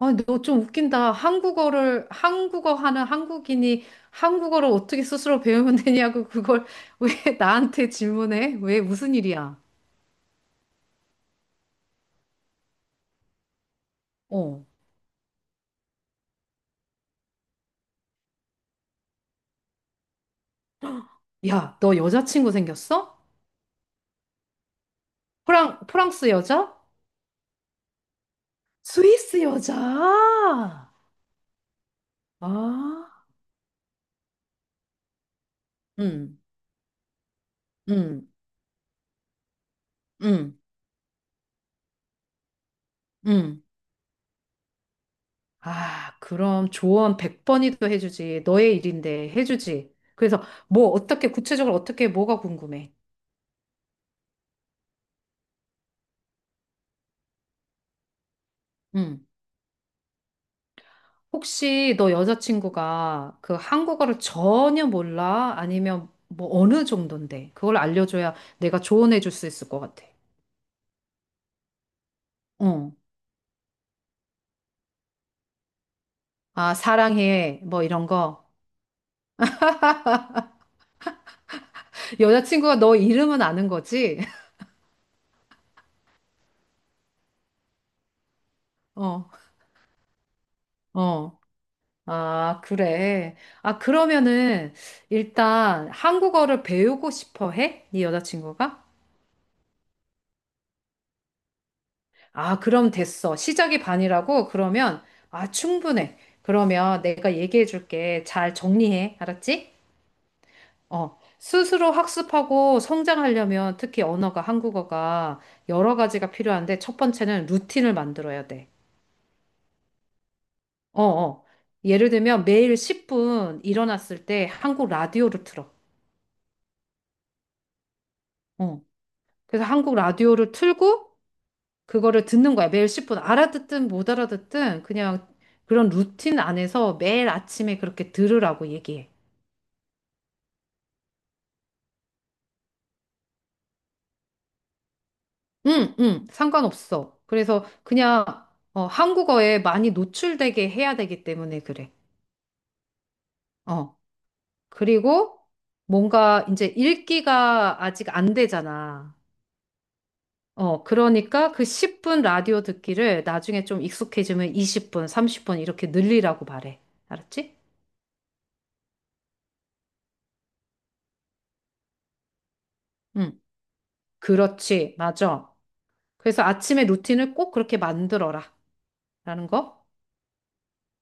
아, 너 좀 웃긴다. 한국어 하는 한국인이 한국어를 어떻게 스스로 배우면 되냐고 그걸 왜 나한테 질문해? 왜 무슨 일이야? 어. 야, 너 여자친구 생겼어? 프랑스 여자? 스위스 여자? 아, 응, 응, 응, 응. 아, 그럼 조언 100번이도 해주지. 너의 일인데 해주지. 그래서 뭐 어떻게 구체적으로 어떻게 뭐가 궁금해? 응. 혹시 너 여자친구가 그 한국어를 전혀 몰라? 아니면 뭐 어느 정도인데? 그걸 알려줘야 내가 조언해 줄 수 있을 것 같아. 어. 아, 사랑해. 뭐 이런 거. 여자친구가 너 이름은 아는 거지? 어, 어. 아, 그래. 아, 그러면은 일단 한국어를 배우고 싶어 해? 네 여자친구가? 아, 그럼 됐어. 시작이 반이라고? 그러면 아, 충분해. 그러면 내가 얘기해 줄게. 잘 정리해. 알았지? 어, 스스로 학습하고 성장하려면 특히 언어가 한국어가 여러 가지가 필요한데 첫 번째는 루틴을 만들어야 돼. 어, 어. 예를 들면 매일 10분 일어났을 때 한국 라디오를 틀어. 어. 그래서 한국 라디오를 틀고 그거를 듣는 거야. 매일 10분 알아듣든 못 알아듣든 그냥 그런 루틴 안에서 매일 아침에 그렇게 들으라고 얘기해. 응, 응, 상관없어. 그래서 그냥 한국어에 많이 노출되게 해야 되기 때문에 그래. 어. 그리고 뭔가 이제 읽기가 아직 안 되잖아. 어, 그러니까 그 10분 라디오 듣기를 나중에 좀 익숙해지면 20분, 30분 이렇게 늘리라고 말해. 알았지? 응. 그렇지. 맞아. 그래서 아침에 루틴을 꼭 그렇게 만들어라. 라는 거.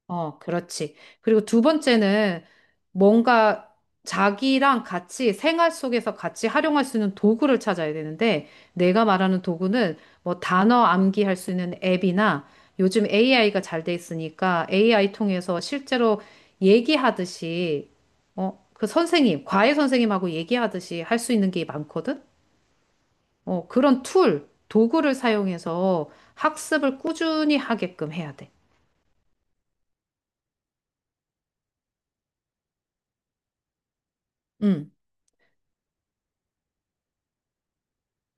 어, 그렇지. 그리고 두 번째는 뭔가 자기랑 같이 생활 속에서 같이 활용할 수 있는 도구를 찾아야 되는데 내가 말하는 도구는 뭐 단어 암기할 수 있는 앱이나 요즘 AI가 잘 돼 있으니까 AI 통해서 실제로 얘기하듯이 그 선생님, 과외 선생님하고 얘기하듯이 할 수 있는 게 많거든? 그런 툴, 도구를 사용해서 학습을 꾸준히 하게끔 해야 돼. 응.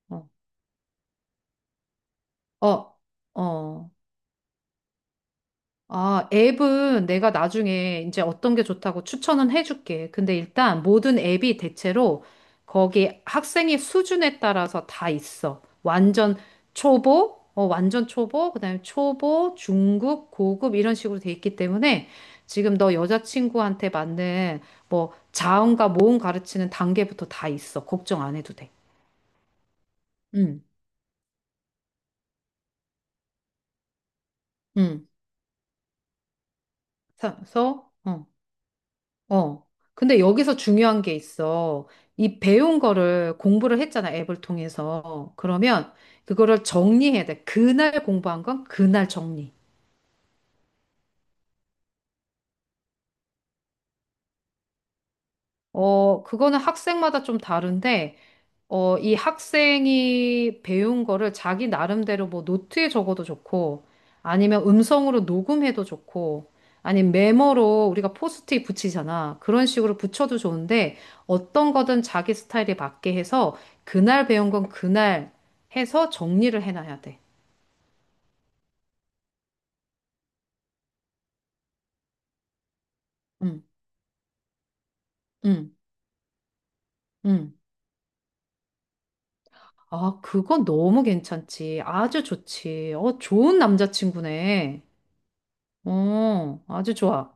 어. 어. 어, 아, 앱은 내가 나중에 이제 어떤 게 좋다고 추천은 해줄게. 근데 일단 모든 앱이 대체로 거기 학생의 수준에 따라서 다 있어. 완전 초보, 그다음에 초보, 중급, 고급 이런 식으로 돼 있기 때문에 지금 너 여자친구한테 맞는 뭐 자음과 모음 가르치는 단계부터 다 있어. 걱정 안 해도 돼. 응, 응. 그래서 어. 근데 여기서 중요한 게 있어. 이 배운 거를 공부를 했잖아, 앱을 통해서. 그러면 그거를 정리해야 돼. 그날 공부한 건 그날 정리. 어, 그거는 학생마다 좀 다른데, 이 학생이 배운 거를 자기 나름대로 뭐 노트에 적어도 좋고, 아니면 음성으로 녹음해도 좋고, 아니면 메모로 우리가 포스트잇 붙이잖아. 그런 식으로 붙여도 좋은데, 어떤 거든 자기 스타일에 맞게 해서, 그날 배운 건 그날 해서 정리를 해놔야 돼. 응, 응, 응. 아, 그건 너무 괜찮지. 아주 좋지. 어, 좋은 남자친구네. 어, 아주 좋아.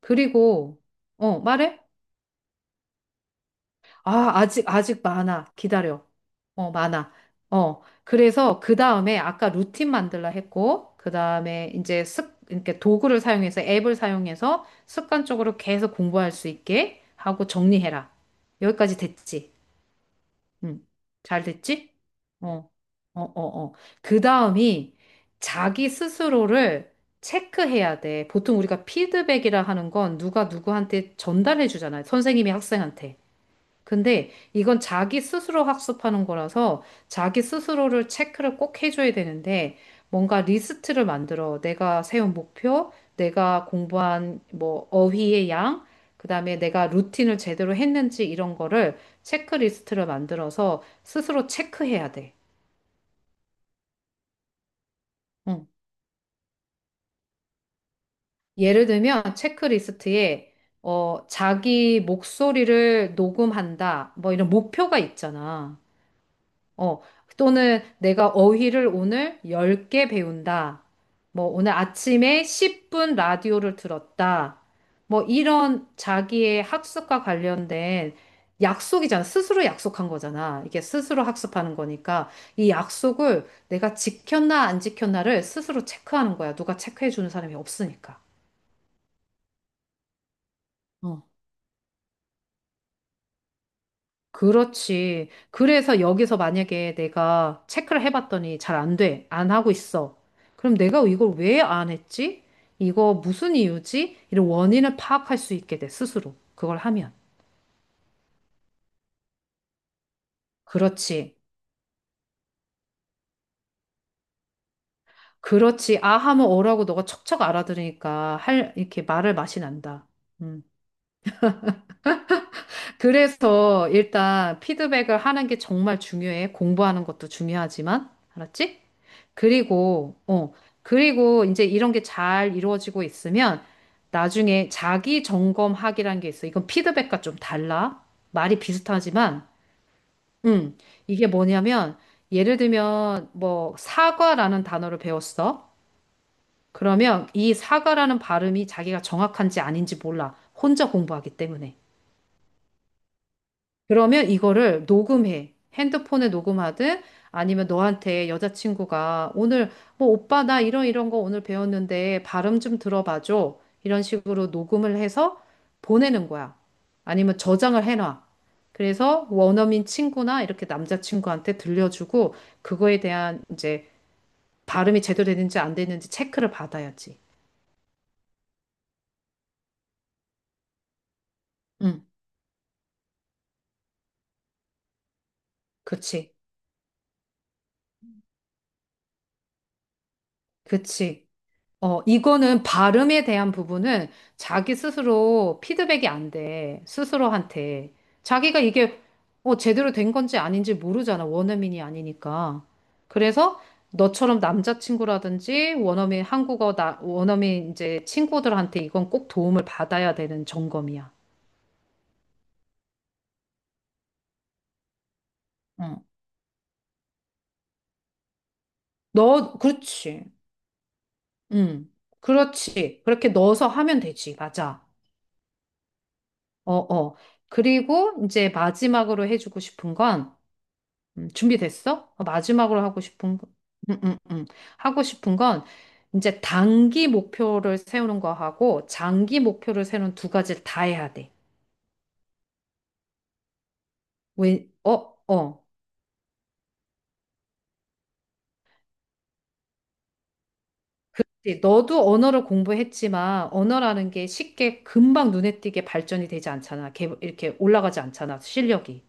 그리고, 말해? 아, 아직 많아. 기다려. 어, 많아. 어, 그래서 그 다음에 아까 루틴 만들라 했고, 그 다음에 이제 이렇게 도구를 사용해서 앱을 사용해서 습관적으로 계속 공부할 수 있게 하고 정리해라. 여기까지 됐지? 응. 잘 됐지? 어, 어, 어, 어. 그 다음이 자기 스스로를 체크해야 돼. 보통 우리가 피드백이라 하는 건 누가 누구한테 전달해 주잖아요. 선생님이 학생한테. 근데 이건 자기 스스로 학습하는 거라서 자기 스스로를 체크를 꼭 해줘야 되는데 뭔가 리스트를 만들어. 내가 세운 목표, 내가 공부한 뭐 어휘의 양, 그다음에 내가 루틴을 제대로 했는지 이런 거를 체크리스트를 만들어서 스스로 체크해야 돼. 응. 예를 들면 체크리스트에 자기 목소리를 녹음한다. 뭐 이런 목표가 있잖아. 어, 또는 내가 어휘를 오늘 10개 배운다. 뭐, 오늘 아침에 10분 라디오를 들었다. 뭐, 이런 자기의 학습과 관련된 약속이잖아. 스스로 약속한 거잖아. 이게 스스로 학습하는 거니까. 이 약속을 내가 지켰나 안 지켰나를 스스로 체크하는 거야. 누가 체크해 주는 사람이 없으니까. 어. 그렇지. 그래서 여기서 만약에 내가 체크를 해봤더니 잘 안 돼. 안 하고 있어. 그럼 내가 이걸 왜 안 했지? 이거 무슨 이유지? 이런 원인을 파악할 수 있게 돼, 스스로. 그걸 하면. 그렇지. 그렇지. 아 하면 어라고 너가 척척 알아들으니까 이렇게 말을 맛이 난다. 음. 그래서 일단 피드백을 하는 게 정말 중요해. 공부하는 것도 중요하지만. 알았지? 그리고, 어, 그리고 이제 이런 게 잘 이루어지고 있으면 나중에 자기 점검학이라는 게 있어. 이건 피드백과 좀 달라. 말이 비슷하지만, 음, 이게 뭐냐면, 예를 들면, 뭐, 사과라는 단어를 배웠어. 그러면 이 사과라는 발음이 자기가 정확한지 아닌지 몰라. 혼자 공부하기 때문에. 그러면 이거를 녹음해. 핸드폰에 녹음하든 아니면 너한테 여자친구가 오늘 뭐 오빠 나 이런 거 오늘 배웠는데 발음 좀 들어봐줘. 이런 식으로 녹음을 해서 보내는 거야. 아니면 저장을 해놔. 그래서 원어민 친구나 이렇게 남자친구한테 들려주고 그거에 대한 이제 발음이 제대로 되는지 안 되는지 체크를 받아야지. 응, 그치, 그치. 어, 이거는 발음에 대한 부분은 자기 스스로 피드백이 안 돼. 스스로한테. 자기가 이게 제대로 된 건지 아닌지 모르잖아. 원어민이 아니니까. 그래서 너처럼 남자친구라든지 원어민 이제 친구들한테 이건 꼭 도움을 받아야 되는 점검이야. 응. 너, 그렇지. 응. 그렇지. 그렇게 넣어서 하면 되지. 맞아. 어, 어. 그리고, 이제 마지막으로 해주고 싶은 건 준비됐어? 마지막으로 하고 싶은 거, 음, 음, 음. 하고 싶은 건 이제 단기 목표를 세우는 거하고 장기 목표를 세우는 두 가지를 다 해야 돼. 왜, 어, 어. 이제 너도 언어를 공부했지만 언어라는 게 쉽게 금방 눈에 띄게 발전이 되지 않잖아. 이렇게 올라가지 않잖아. 실력이.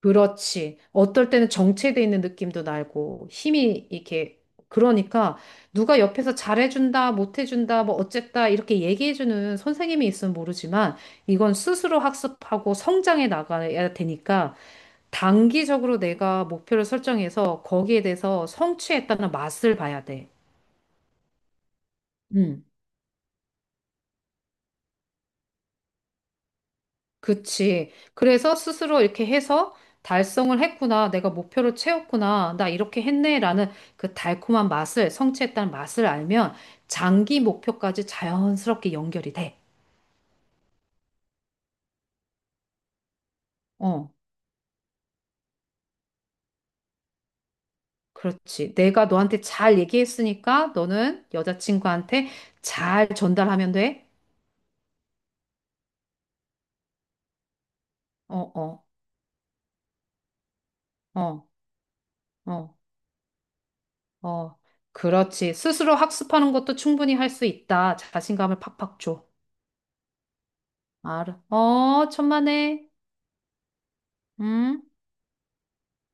그렇지. 어떨 때는 정체돼 있는 느낌도 나고 힘이 이렇게 그러니까 누가 옆에서 잘해준다, 못해준다, 뭐 어쨌다 이렇게 얘기해주는 선생님이 있으면 모르지만 이건 스스로 학습하고 성장해 나가야 되니까 단기적으로 내가 목표를 설정해서 거기에 대해서 성취했다는 맛을 봐야 돼. 음. 그치. 그래서 스스로 이렇게 해서 달성을 했구나. 내가 목표를 채웠구나. 나 이렇게 했네라는 그 달콤한 맛을, 성취했다는 맛을 알면 장기 목표까지 자연스럽게 연결이 돼. 어, 그렇지. 내가 너한테 잘 얘기했으니까 너는 여자친구한테 잘 전달하면 돼. 어, 어, 어, 어, 어. 그렇지. 스스로 학습하는 것도 충분히 할 수 있다. 자신감을 팍팍 줘. 알아. 어, 천만에. 음.